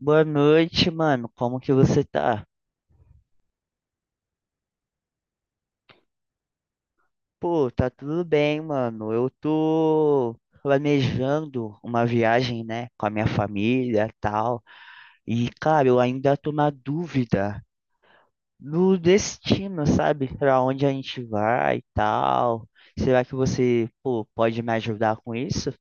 Boa noite, mano. Como que você tá? Pô, tá tudo bem, mano. Eu tô planejando uma viagem, né, com a minha família, e tal. E, cara, eu ainda tô na dúvida do destino, sabe? Pra onde a gente vai e tal. Será que você, pô, pode me ajudar com isso?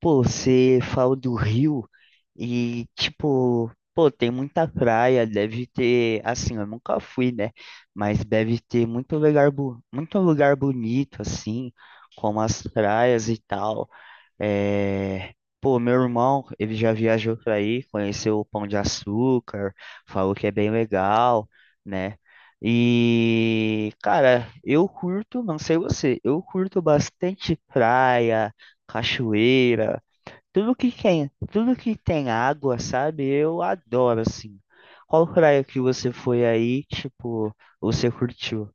Pô, você fala do Rio e, tipo, pô, tem muita praia, deve ter, assim, eu nunca fui, né? Mas deve ter muito lugar, muito lugar bonito, assim, como as praias e tal. É... Pô, meu irmão, ele já viajou pra aí, conheceu o Pão de Açúcar, falou que é bem legal, né? E, cara, eu curto, não sei você, eu curto bastante praia, cachoeira. Tudo que tem água, sabe? Eu adoro, assim. Qual praia que você foi aí, tipo, você curtiu?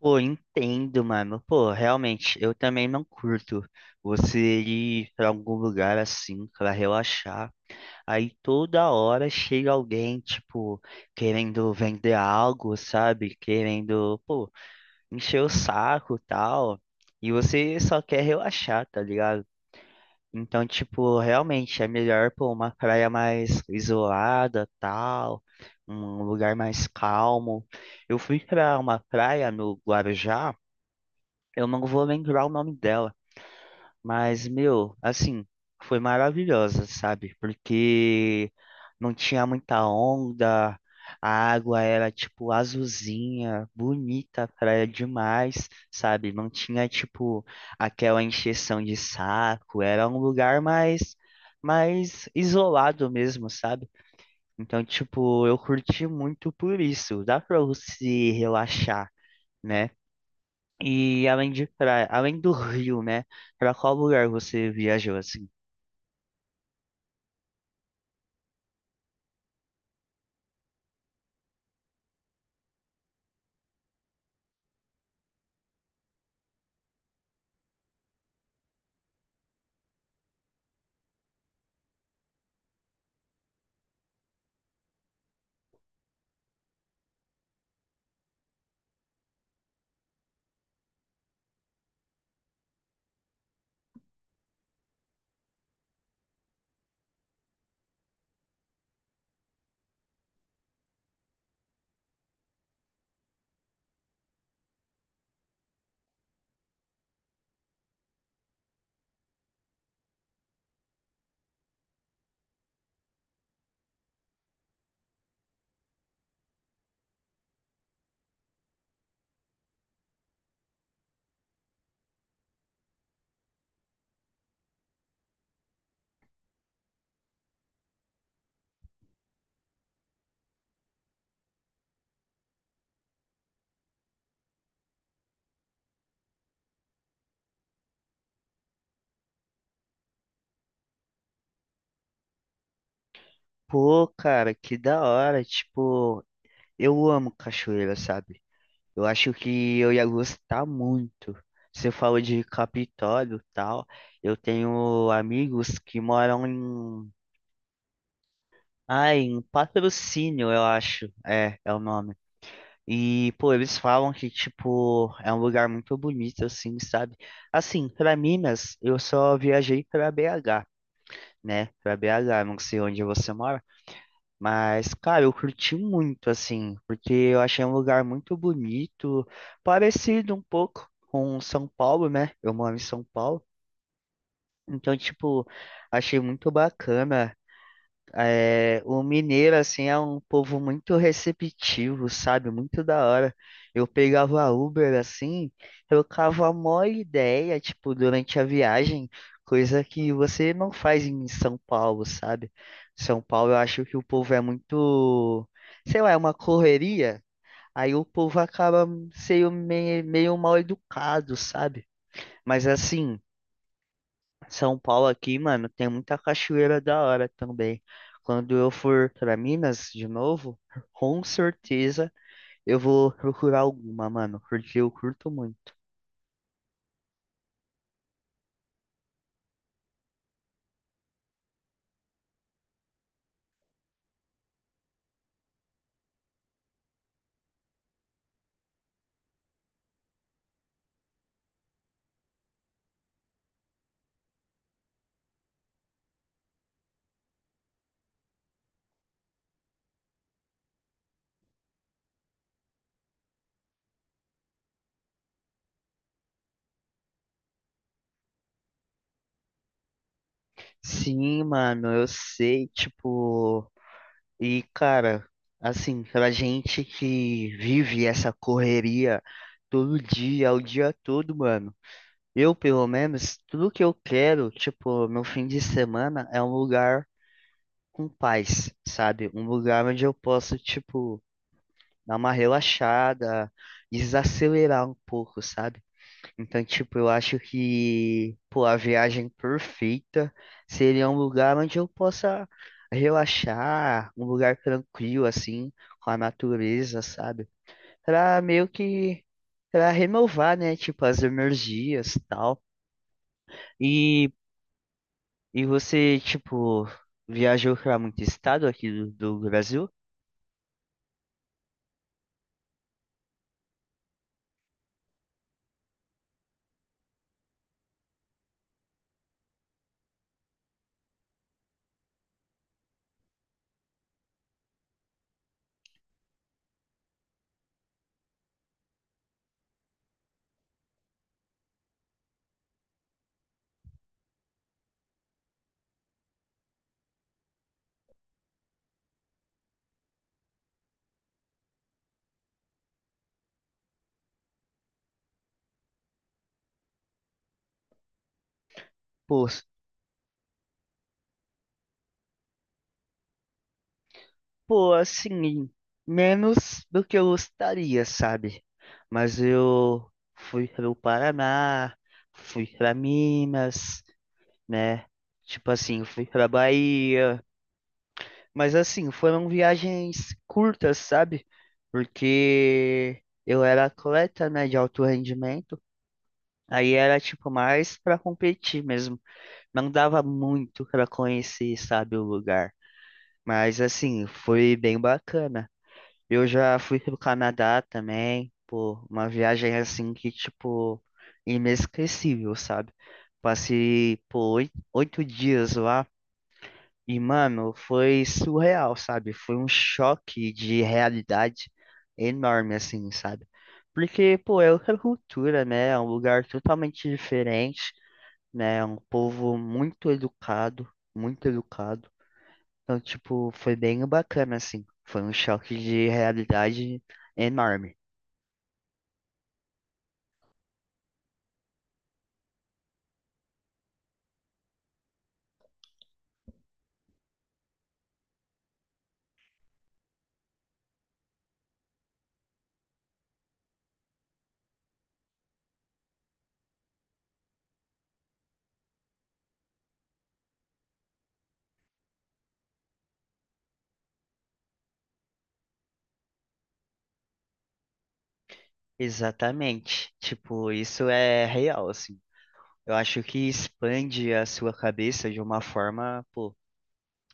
Pô, entendo, mano. Pô, realmente, eu também não curto você ir pra algum lugar assim pra relaxar. Aí toda hora chega alguém, tipo, querendo vender algo, sabe? Querendo, pô, encher o saco e tal. E você só quer relaxar, tá ligado? Então, tipo, realmente é melhor pô, uma praia mais isolada, tal, um lugar mais calmo. Eu fui pra uma praia no Guarujá, eu não vou lembrar o nome dela, mas, meu, assim, foi maravilhosa, sabe? Porque não tinha muita onda, a água era, tipo, azulzinha, bonita, praia demais, sabe? Não tinha, tipo, aquela encheção de saco, era um lugar mais, mais isolado mesmo, sabe? Então, tipo, eu curti muito por isso, dá pra você relaxar, né? E além de praia, além do Rio, né? Pra qual lugar você viajou assim? Pô, cara, que da hora. Tipo, eu amo cachoeira, sabe? Eu acho que eu ia gostar muito. Você falou de Capitólio e tal. Eu tenho amigos que moram em. Ah, em Patrocínio, eu acho. É, é o nome. E, pô, eles falam que, tipo, é um lugar muito bonito, assim, sabe? Assim, pra Minas, eu só viajei pra BH. Né, pra BH, não sei onde você mora, mas, cara, eu curti muito, assim, porque eu achei um lugar muito bonito, parecido um pouco com São Paulo, né, eu moro em São Paulo, então, tipo, achei muito bacana é, o mineiro, assim, é um povo muito receptivo, sabe? Muito da hora. Eu pegava a Uber, assim, trocava a maior ideia, tipo, durante a viagem, coisa que você não faz em São Paulo, sabe? São Paulo, eu acho que o povo é muito, sei lá, é uma correria. Aí o povo acaba sendo meio mal educado, sabe? Mas assim. São Paulo aqui, mano, tem muita cachoeira da hora também. Quando eu for pra Minas de novo, com certeza eu vou procurar alguma, mano, porque eu curto muito. Sim, mano, eu sei, tipo, e cara, assim, pra gente que vive essa correria todo dia, o dia todo, mano. Eu, pelo menos, tudo que eu quero, tipo, no fim de semana é um lugar com paz, sabe? Um lugar onde eu posso, tipo, dar uma relaxada, desacelerar um pouco, sabe? Então, tipo, eu acho que, pô, a viagem perfeita seria um lugar onde eu possa relaxar, um lugar tranquilo, assim, com a natureza, sabe? Pra meio que, pra renovar, né? Tipo, as energias e tal. E, e você, tipo, viajou pra muito estado aqui do Brasil? Pô, Pô, assim, menos do que eu gostaria, sabe? Mas eu fui para o Paraná, fui para Minas, né? Tipo assim, eu fui para Bahia. Mas assim, foram viagens curtas, sabe? Porque eu era atleta, né, de alto rendimento. Aí era tipo mais para competir mesmo. Não dava muito para conhecer, sabe, o lugar. Mas assim, foi bem bacana. Eu já fui pro Canadá também, pô, uma viagem assim que, tipo, inesquecível, sabe? Passei, pô, oito dias lá e, mano, foi surreal, sabe? Foi um choque de realidade enorme, assim, sabe? Porque, pô, é outra cultura, né? É um lugar totalmente diferente, né? É um povo muito educado, muito educado. Então, tipo, foi bem bacana, assim. Foi um choque de realidade enorme. Exatamente. Tipo, isso é real, assim. Eu acho que expande a sua cabeça de uma forma, pô,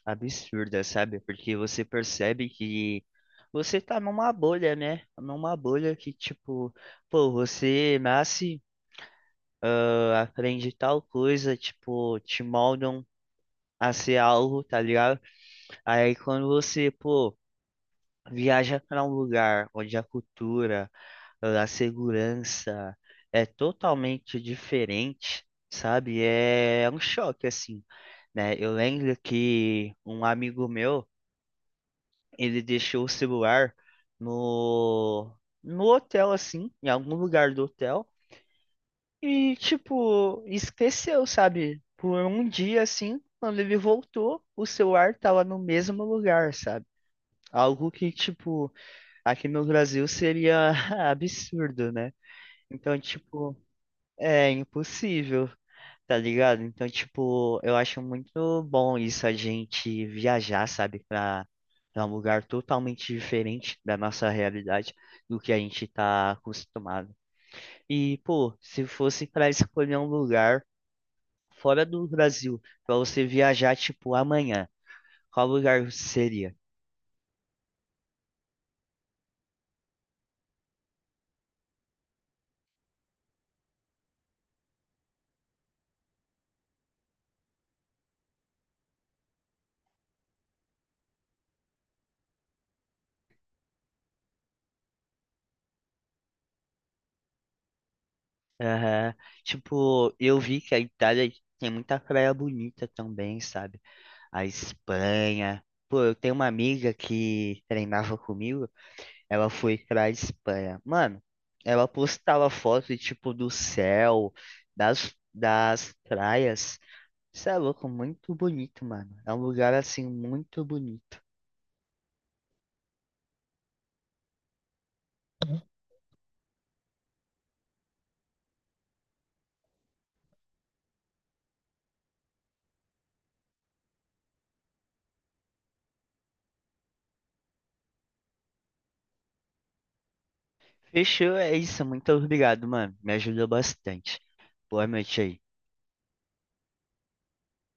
absurda, sabe? Porque você percebe que você tá numa bolha, né? Numa bolha que, tipo, pô, você nasce, ah, aprende tal coisa, tipo, te moldam a ser algo, tá ligado? Aí quando você, pô, viaja para um lugar onde a cultura, a segurança é totalmente diferente, sabe? É um choque, assim, né? Eu lembro que um amigo meu, ele deixou o celular no, no hotel, assim, em algum lugar do hotel, e, tipo, esqueceu, sabe? Por um dia, assim, quando ele voltou, o celular tava no mesmo lugar, sabe? Algo que, tipo, aqui no Brasil seria absurdo, né? Então, tipo, é impossível, tá ligado? Então, tipo, eu acho muito bom isso, a gente viajar, sabe, pra, pra um lugar totalmente diferente da nossa realidade, do que a gente tá acostumado. E, pô, se fosse pra escolher um lugar fora do Brasil, pra você viajar, tipo, amanhã, qual lugar seria? Aham. Tipo, eu vi que a Itália tem muita praia bonita também, sabe? A Espanha. Pô, eu tenho uma amiga que treinava comigo, ela foi pra Espanha. Mano, ela postava foto, tipo, do céu, das, das praias. Isso é louco, muito bonito, mano. É um lugar, assim, muito bonito. Fechou, é isso. Muito obrigado, mano. Me ajudou bastante. Boa noite aí.